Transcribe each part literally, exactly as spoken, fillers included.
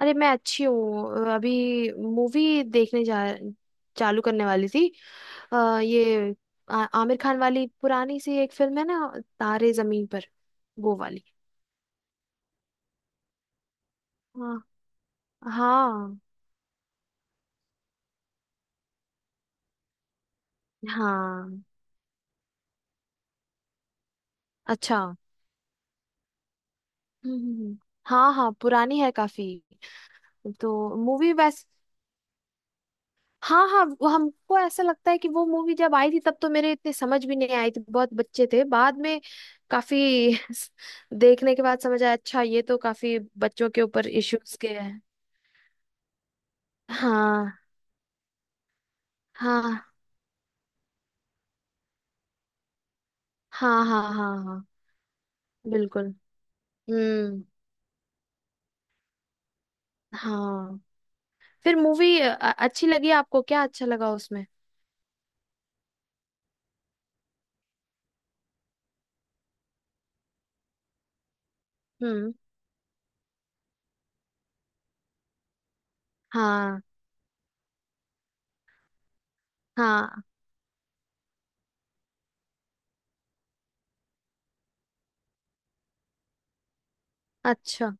अरे मैं अच्छी हूँ, अ, अभी मूवी देखने जा चालू करने वाली थी। आ, ये आ, आमिर खान वाली पुरानी सी एक फिल्म है ना, तारे जमीन पर, वो वाली। हाँ, हाँ। हाँ। अच्छा, हम्म। हम्म, हम्म। हाँ हाँ, पुरानी है काफी। तो मूवी वैसे, हाँ हाँ, वो हमको ऐसा लगता है कि वो मूवी जब आई थी तब तो मेरे इतने समझ भी नहीं आई थी, बहुत बच्चे थे। बाद में काफी देखने के बाद समझ आया, अच्छा ये तो काफी बच्चों के ऊपर इश्यूज के हैं। हाँ हाँ हाँ हाँ। हाँ हाँ। बिल्कुल। हम्म। हाँ। फिर मूवी अच्छी लगी आपको, क्या अच्छा लगा उसमें? हम्म। हाँ। हाँ। अच्छा।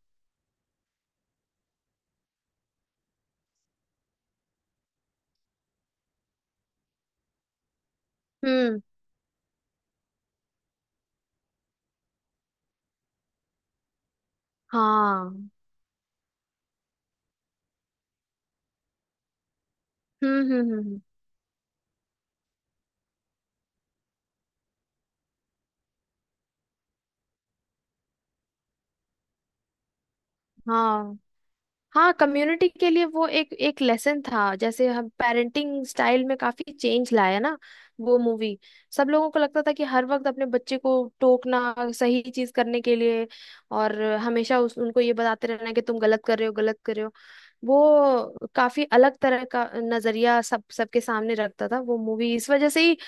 हम्म। हाँ। हम्म हम्म हम्म हम्म। हाँ हाँ, कम्युनिटी के लिए वो एक एक लेसन था, जैसे हम पेरेंटिंग स्टाइल में काफी चेंज लाया ना वो मूवी। सब लोगों को लगता था कि हर वक्त अपने बच्चे को टोकना सही चीज करने के लिए, और हमेशा उस, उनको ये बताते रहना कि तुम गलत कर रहे हो, गलत कर रहे हो। वो काफी अलग तरह का नजरिया सब सबके सामने रखता था वो मूवी, इस वजह से ही अ,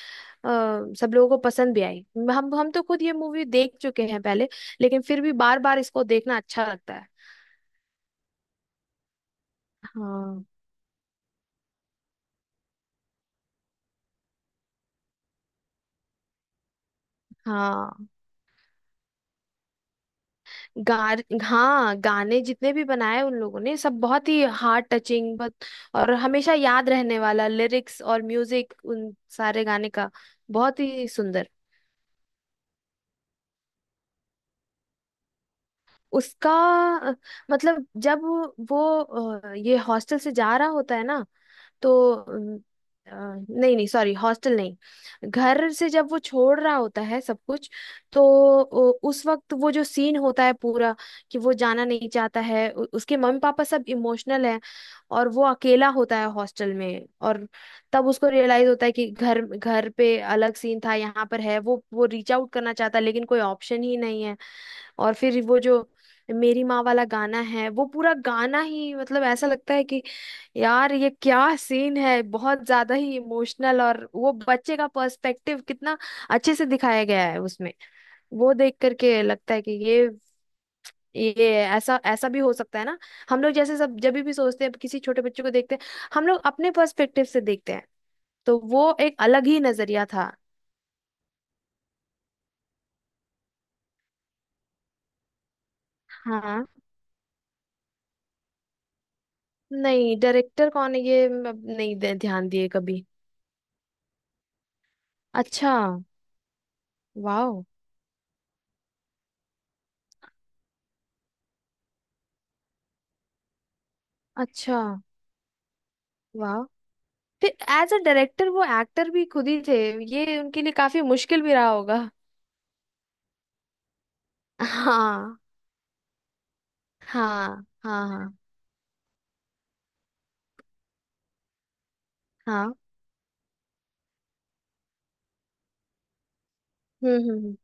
सब लोगों को पसंद भी आई। हम हम तो खुद ये मूवी देख चुके हैं पहले, लेकिन फिर भी बार बार इसको देखना अच्छा लगता है। हाँ। हाँ। गार, हाँ, गाने जितने भी बनाए उन लोगों ने, सब बहुत ही हार्ट टचिंग, बहुत। और हमेशा याद रहने वाला लिरिक्स और म्यूजिक उन सारे गाने का, बहुत ही सुंदर। उसका अ, मतलब जब वो अ, ये हॉस्टल से जा रहा होता है ना, तो अम, अ, नहीं नहीं, सॉरी, हॉस्टल नहीं, घर से जब वो छोड़ रहा होता है सब कुछ, तो उ- उस वक्त वो जो सीन होता है पूरा, कि वो जाना नहीं चाहता है, उ- उसके मम्मी पापा सब इमोशनल है, और वो अकेला होता है हॉस्टल में। और तब उसको रियलाइज होता है कि घर घर पे अलग सीन था, यहाँ पर है, वो वो रीच आउट करना चाहता है लेकिन कोई ऑप्शन ही नहीं है। और फिर वो जो मेरी माँ वाला गाना है, वो पूरा गाना ही मतलब ऐसा लगता है कि यार ये क्या सीन है, बहुत ज्यादा ही इमोशनल। और वो बच्चे का पर्सपेक्टिव कितना अच्छे से दिखाया गया है उसमें। वो देख करके लगता है कि ये ये ऐसा ऐसा भी हो सकता है ना। हम लोग जैसे सब, जब भी सोचते हैं किसी छोटे बच्चे को देखते हैं, हम लोग अपने पर्सपेक्टिव से देखते हैं, तो वो एक अलग ही नजरिया था। हाँ, नहीं, डायरेक्टर कौन है ये मैं अब नहीं दे- ध्यान दिए कभी। अच्छा। वाओ। अच्छा, वाह, फिर एज अ डायरेक्टर वो एक्टर भी खुद ही थे, ये उनके लिए काफी मुश्किल भी रहा होगा। हाँ हाँ हाँ हाँ। हाँ। हम्म हम्म हम्म।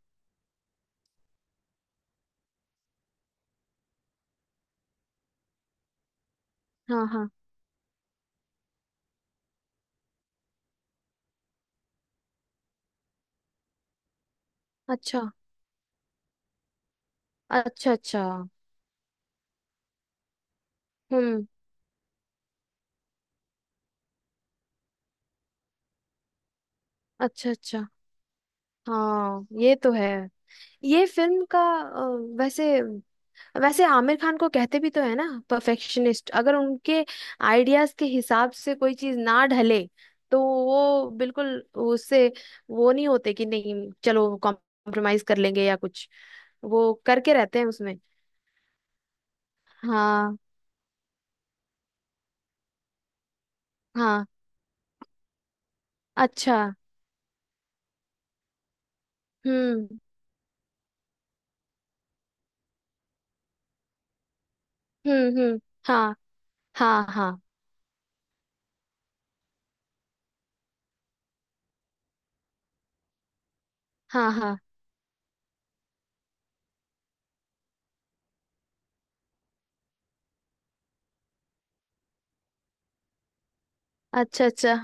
हाँ हाँ। अच्छा अच्छा। अच्छा। हम्म। अच्छा अच्छा। हाँ, ये तो है। ये फिल्म का अ, वैसे, वैसे आमिर खान को कहते भी तो है ना, परफेक्शनिस्ट। अगर उनके आइडियाज के हिसाब से कोई चीज ना ढले, तो वो बिल्कुल उससे, वो नहीं होते कि नहीं चलो कॉम्प्रोमाइज कर लेंगे या कुछ, वो करके रहते हैं उसमें। हाँ। हाँ। अच्छा। हम्म हम्म हम्म। हाँ हाँ हाँ। हाँ हाँ। अच्छा अच्छा।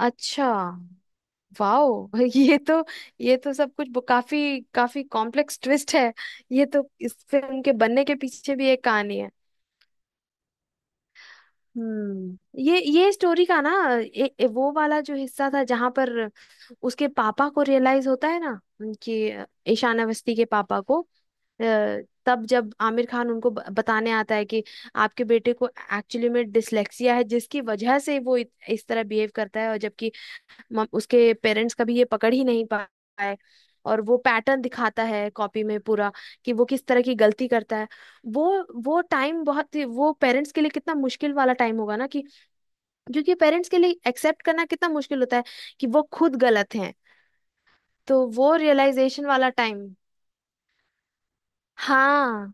अच्छा। वाओ ये तो, ये तो सब कुछ ब- काफी काफी कॉम्प्लेक्स ट्विस्ट है। ये तो इस फिल्म के बनने के पीछे भी एक कहानी है। हम्म, ये ये स्टोरी का ना ए, ए, वो वाला जो हिस्सा था जहां पर उसके पापा को रियलाइज होता है ना, कि ईशान अवस्थी के पापा को, अ, तब जब आमिर खान उनको ब- बताने आता है कि आपके बेटे को एक्चुअली में डिसलेक्सिया है, जिसकी वजह से वो इत- इस तरह बिहेव करता है, और जबकि मम, उसके पेरेंट्स कभी ये पकड़ ही नहीं पा- पाए। और वो पैटर्न दिखाता है कॉपी में पूरा, कि वो किस तरह की गलती करता है। वो वो टाइम बहुत ही, वो पेरेंट्स के लिए कितना मुश्किल वाला टाइम होगा ना। कि क्योंकि पेरेंट्स के लिए एक्सेप्ट करना कितना मुश्किल होता है कि वो खुद गलत हैं। तो वो रियलाइजेशन वाला टाइम। हाँ।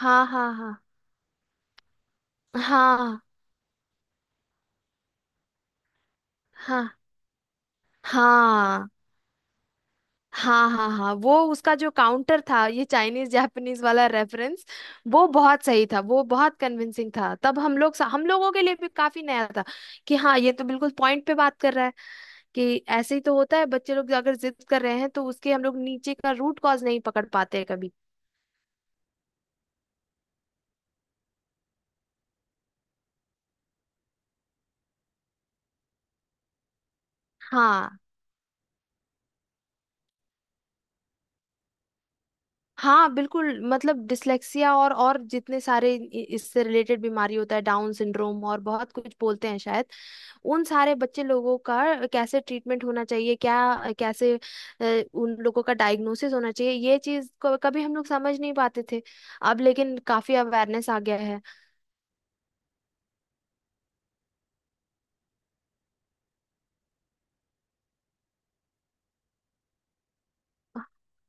हाँ हाँ हाँ। हाँ। हाँ हाँ हाँ, हाँ हाँ वो उसका जो काउंटर था, ये चाइनीज जापानीज वाला रेफरेंस, वो बहुत सही था, वो बहुत कन्विंसिंग था। तब हम लोग, हम लोगों के लिए भी काफी नया था, कि हाँ, ये तो बिल्कुल पॉइंट पे बात कर रहा है। कि ऐसे ही तो होता है, बच्चे लोग अगर जिद कर रहे हैं तो उसके हम लोग नीचे का रूट कॉज नहीं पकड़ पाते हैं कभी। हाँ। हाँ, बिल्कुल, मतलब डिसलेक्सिया और और जितने सारे इ- इससे रिलेटेड बीमारी होता है, डाउन सिंड्रोम और बहुत कुछ बोलते हैं शायद, उन सारे बच्चे लोगों का कैसे ट्रीटमेंट होना चाहिए, क्या कैसे अ, उन लोगों का डायग्नोसिस होना चाहिए, ये चीज को कभी हम लोग समझ नहीं पाते थे। अब लेकिन काफी अवेयरनेस आ गया है।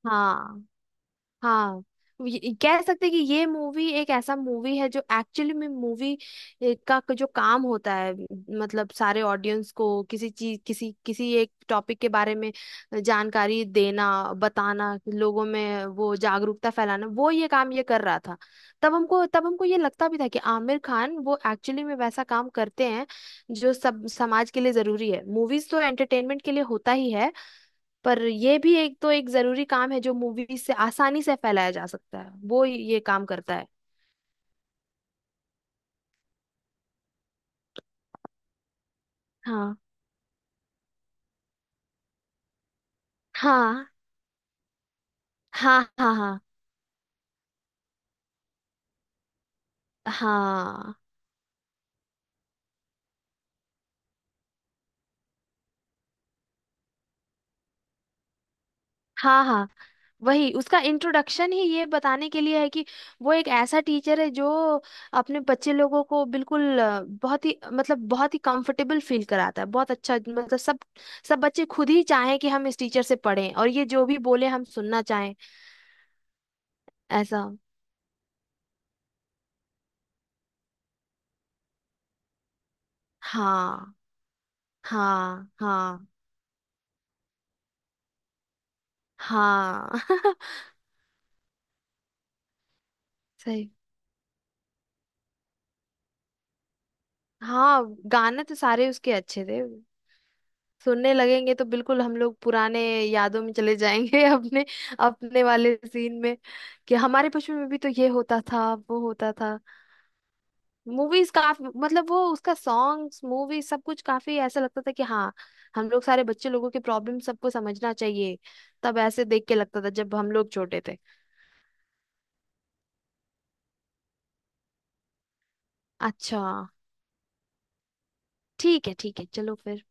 हाँ। हाँ। ये- कह सकते हैं कि ये मूवी एक ऐसा मूवी है जो एक्चुअली में मूवी का जो काम होता है, मतलब सारे ऑडियंस को किसी चीज किसी किसी एक टॉपिक के बारे में जानकारी देना, बताना, लोगों में वो जागरूकता फैलाना, वो ये काम ये कर रहा था। तब हमको, तब हमको ये लगता भी था कि आमिर खान वो एक्चुअली में वैसा काम करते हैं जो सब समाज के लिए जरूरी है। मूवीज तो एंटरटेनमेंट के लिए होता ही है, पर ये भी एक तो एक जरूरी काम है जो मूवी से आसानी से फैलाया जा सकता है, वो ये काम करता है। हाँ हाँ हाँ हाँ। हाँ हाँ हाँ हाँ। वही उसका इंट्रोडक्शन ही ये बताने के लिए है कि वो एक ऐसा टीचर है जो अपने बच्चे लोगों को बिल्कुल, अ, बहुत ही, मतलब बहुत ही कंफर्टेबल फील कराता है। बहुत अच्छा मतलब, सब सब बच्चे खुद ही चाहें कि हम इस टीचर से पढ़ें, और ये जो भी बोले हम सुनना चाहें, ऐसा। हाँ। हाँ हाँ हाँ सही। हाँ, गाने तो सारे उसके अच्छे थे। सुनने लगेंगे तो बिल्कुल हम लोग पुराने यादों में चले जाएंगे अपने, अपने वाले सीन में, कि हमारे बचपन में भी तो ये होता था वो होता था। मूवीज काफी, मतलब वो उसका सॉन्ग्स, मूवी सब कुछ काफी ऐसा लगता था कि हाँ, हम लोग सारे बच्चे लोगों के प्रॉब्लम सबको समझना चाहिए। तब ऐसे देख के लगता था जब हम लोग छोटे थे। अच्छा। ठीक है ठीक है, चलो फिर।